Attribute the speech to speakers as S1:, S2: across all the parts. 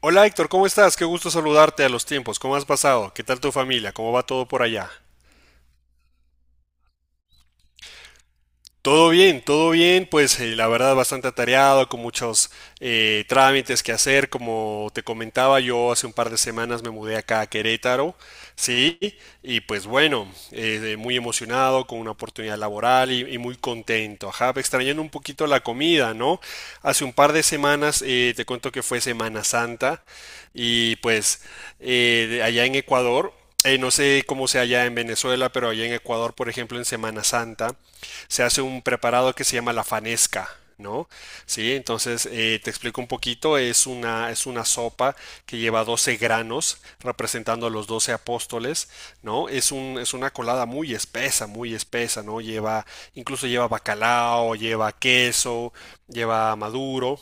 S1: Hola Héctor, ¿cómo estás? Qué gusto saludarte a los tiempos. ¿Cómo has pasado? ¿Qué tal tu familia? ¿Cómo va todo por allá? Todo bien, pues la verdad bastante atareado, con muchos trámites que hacer. Como te comentaba, yo hace un par de semanas me mudé acá a Querétaro, sí, y pues bueno, muy emocionado con una oportunidad laboral y muy contento, ajá, extrañando un poquito la comida, ¿no? Hace un par de semanas te cuento que fue Semana Santa y pues de allá en Ecuador no sé cómo sea allá en Venezuela, pero allá en Ecuador, por ejemplo, en Semana Santa, se hace un preparado que se llama la fanesca. ¿No? Sí, entonces te explico un poquito, es una sopa que lleva 12 granos representando a los 12 apóstoles, ¿no? Es una colada muy espesa, ¿no? Incluso lleva bacalao, lleva queso, lleva maduro,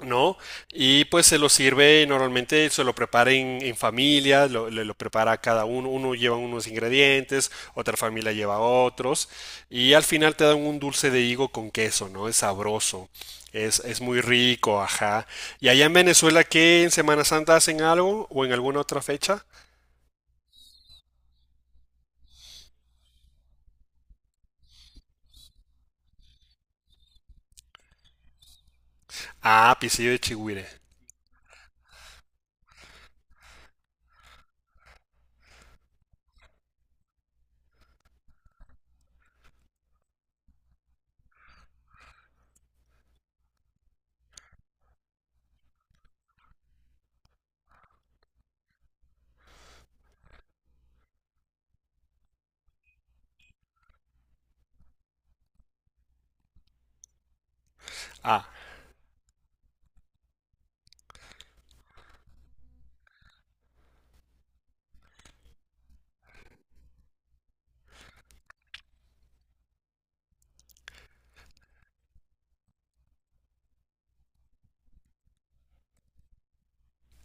S1: ¿no? Y pues se lo sirve, normalmente se lo prepara en familia, lo prepara cada uno, uno lleva unos ingredientes, otra familia lleva otros, y al final te dan un dulce de higo con queso, ¿no? Es sabroso, es muy rico, ajá. ¿Y allá en Venezuela qué en Semana Santa hacen algo o en alguna otra fecha? Ah, pisillo de chigüire. Ah,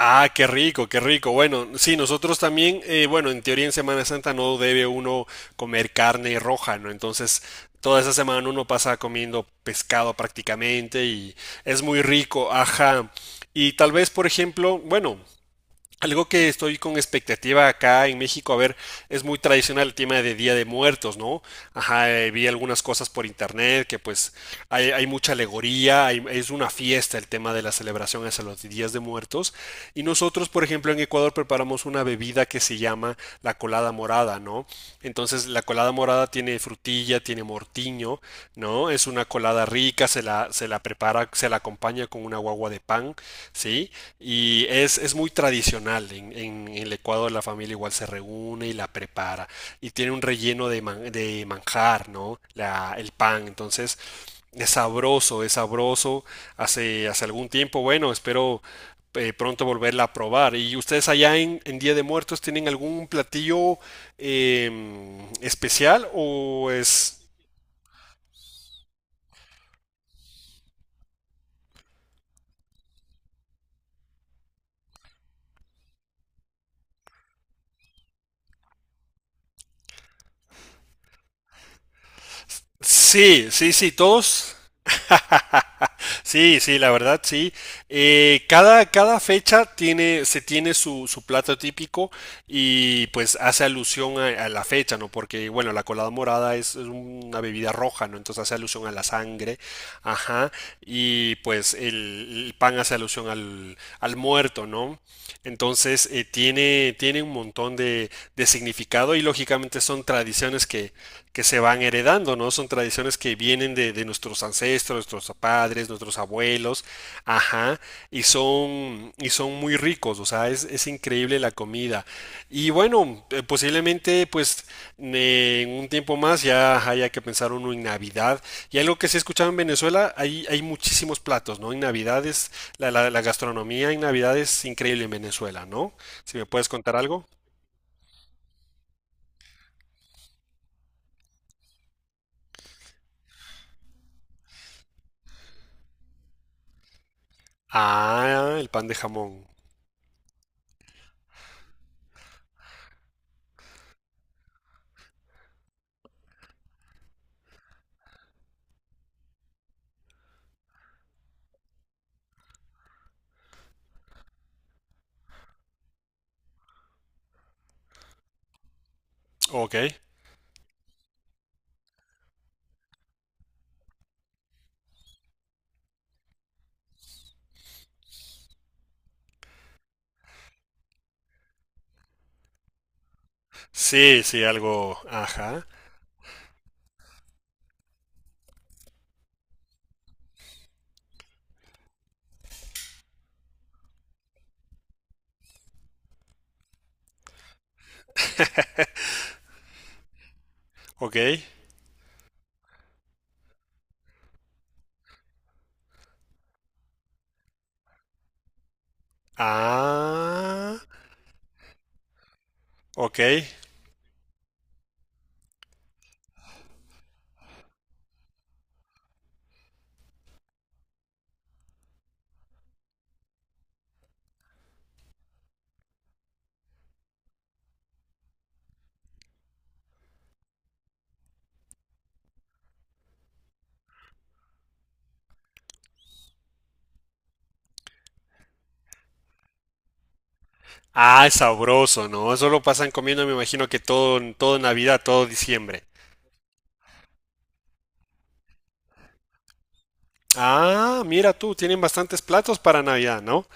S1: ah, qué rico, qué rico. Bueno, sí, nosotros también, bueno, en teoría en Semana Santa no debe uno comer carne roja, ¿no? Entonces, toda esa semana uno pasa comiendo pescado prácticamente y es muy rico, ajá. Y tal vez, por ejemplo, bueno, algo que estoy con expectativa acá en México, a ver, es muy tradicional el tema de Día de Muertos, ¿no? Ajá, vi algunas cosas por internet que pues hay mucha alegoría, es una fiesta el tema de la celebración hacia los Días de Muertos. Y nosotros, por ejemplo, en Ecuador preparamos una bebida que se llama la colada morada, ¿no? Entonces la colada morada tiene frutilla, tiene mortiño, ¿no? Es una colada rica, se la prepara, se la acompaña con una guagua de pan, ¿sí? Y es muy tradicional. En el Ecuador la familia igual se reúne y la prepara. Y tiene un relleno de manjar, ¿no? El pan. Entonces es sabroso, es sabroso. Hace algún tiempo, bueno, espero pronto volverla a probar. ¿Y ustedes allá en Día de Muertos tienen algún platillo eh, especial o es... Sí, sí, sí, todos. Sí, sí, la verdad, sí. Cada fecha se tiene su plato típico y pues hace alusión a la fecha, ¿no? Porque, bueno, la colada morada es una bebida roja, ¿no? Entonces hace alusión a la sangre, ajá, y pues el pan hace alusión al muerto, ¿no? Entonces, tiene un montón de significado y lógicamente son tradiciones que se van heredando, ¿no? Son tradiciones que vienen de nuestros ancestros, nuestros padres, nuestros abuelos, ajá, y son, muy ricos, o sea, es increíble la comida. Y bueno, posiblemente pues en un tiempo más ya haya que pensar uno en Navidad. Y algo que se escuchaba en Venezuela, hay muchísimos platos, ¿no? En Navidad la gastronomía en Navidad es increíble en Venezuela, ¿no? Si me puedes contar algo. Ah, el pan de jamón. Ok. Sí, sí, algo. Ajá. Ok. Ah, ok. Ah, es sabroso, ¿no? Eso lo pasan comiendo, me imagino que todo, todo Navidad, todo diciembre. Ah, mira tú, tienen bastantes platos para Navidad, ¿no?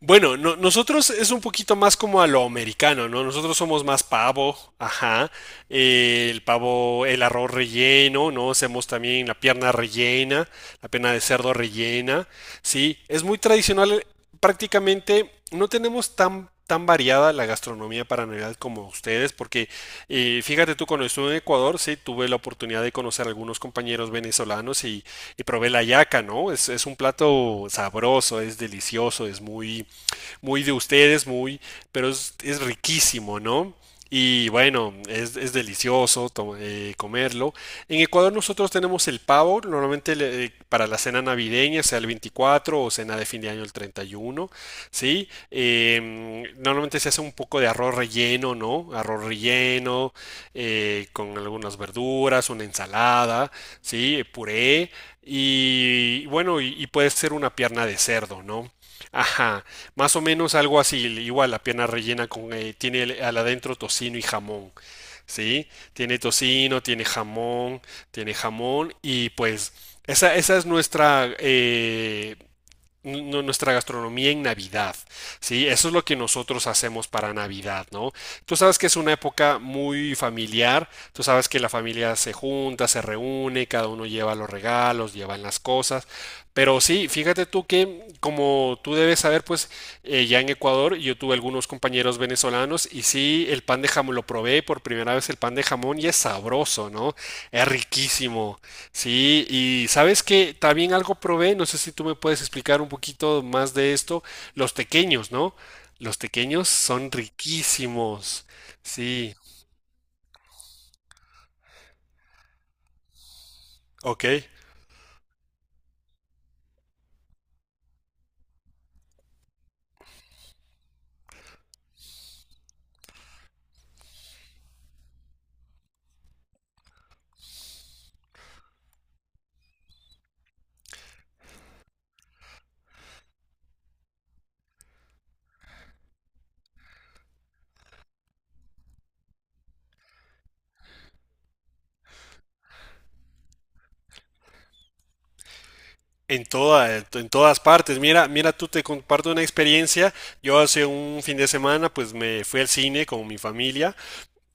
S1: Bueno, nosotros es un poquito más como a lo americano, ¿no? Nosotros somos más pavo, ajá. El pavo, el arroz relleno, ¿no? Hacemos también la pierna rellena, la pierna de cerdo rellena, ¿sí? Es muy tradicional, prácticamente no tenemos tan variada la gastronomía para Navidad como ustedes, porque fíjate tú, cuando estuve en Ecuador, sí, tuve la oportunidad de conocer a algunos compañeros venezolanos y probé la yaca, ¿no? Es un plato sabroso, es delicioso, es muy, muy de ustedes, muy, pero es riquísimo, ¿no? Y bueno, es delicioso comerlo. En Ecuador nosotros tenemos el pavo, normalmente para la cena navideña, sea el 24 o cena de fin de año el 31, ¿sí? Normalmente se hace un poco de arroz relleno, ¿no? Arroz relleno, con algunas verduras, una ensalada, ¿sí? Puré. Y bueno, y puede ser una pierna de cerdo, ¿no? Ajá, más o menos algo así, igual la pierna rellena tiene al adentro tocino y jamón, ¿sí? Tiene tocino, tiene jamón, y pues esa, nuestra gastronomía en Navidad, ¿sí? Eso es lo que nosotros hacemos para Navidad, ¿no? Tú sabes que es una época muy familiar, tú sabes que la familia se junta, se reúne, cada uno lleva los regalos, llevan las cosas, pero sí, fíjate tú que, como tú debes saber, pues ya en Ecuador yo tuve algunos compañeros venezolanos y sí, el pan de jamón, lo probé por primera vez el pan de jamón y es sabroso, ¿no? Es riquísimo. Sí, y sabes que también algo probé, no sé si tú me puedes explicar un poquito más de esto, los tequeños, ¿no? Los tequeños son riquísimos. Sí, ok. En todas partes. Mira, mira, tú te comparto una experiencia. Yo hace un fin de semana, pues me fui al cine con mi familia.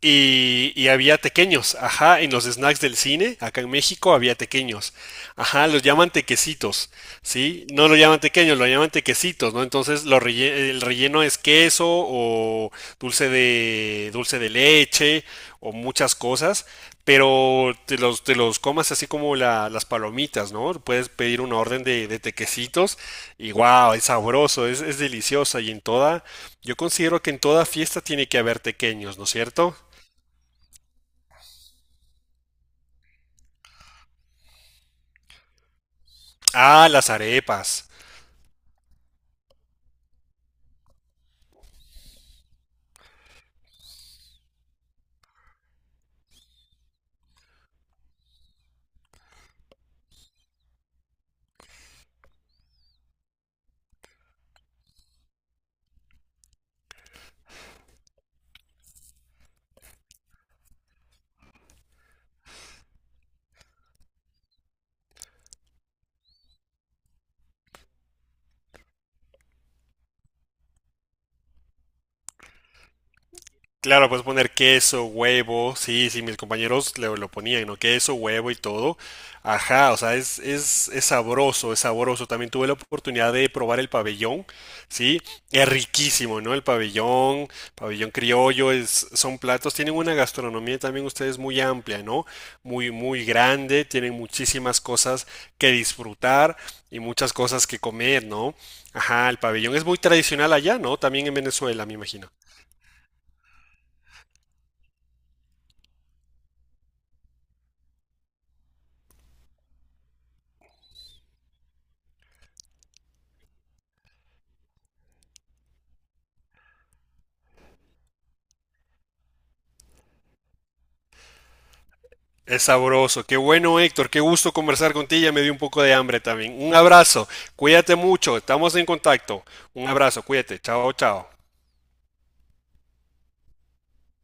S1: Había tequeños, ajá, en los snacks del cine, acá en México había tequeños, ajá, los llaman tequecitos, ¿sí? No lo llaman tequeños, lo llaman tequecitos, ¿no? Entonces el relleno es queso o dulce de leche o muchas cosas, pero te los comas así como las palomitas, ¿no? Puedes pedir una orden de tequecitos y wow, es sabroso, es deliciosa y yo considero que en toda fiesta tiene que haber tequeños, ¿no es cierto? Ah, las arepas. Claro, puedes poner queso, huevo, sí, sí, mis compañeros lo ponían, ¿no? Queso, huevo y todo. Ajá, o sea, es sabroso, es sabroso. También tuve la oportunidad de probar el pabellón, ¿sí? Es riquísimo, ¿no? El pabellón, pabellón criollo, son platos, tienen una gastronomía también ustedes muy amplia, ¿no? Muy, muy grande, tienen muchísimas cosas que disfrutar y muchas cosas que comer, ¿no? Ajá, el pabellón es muy tradicional allá, ¿no? También en Venezuela, me imagino. Es sabroso. Qué bueno, Héctor. Qué gusto conversar contigo. Ya me dio un poco de hambre también. Un abrazo. Cuídate mucho. Estamos en contacto. Un abrazo. Cuídate. Chao, chao.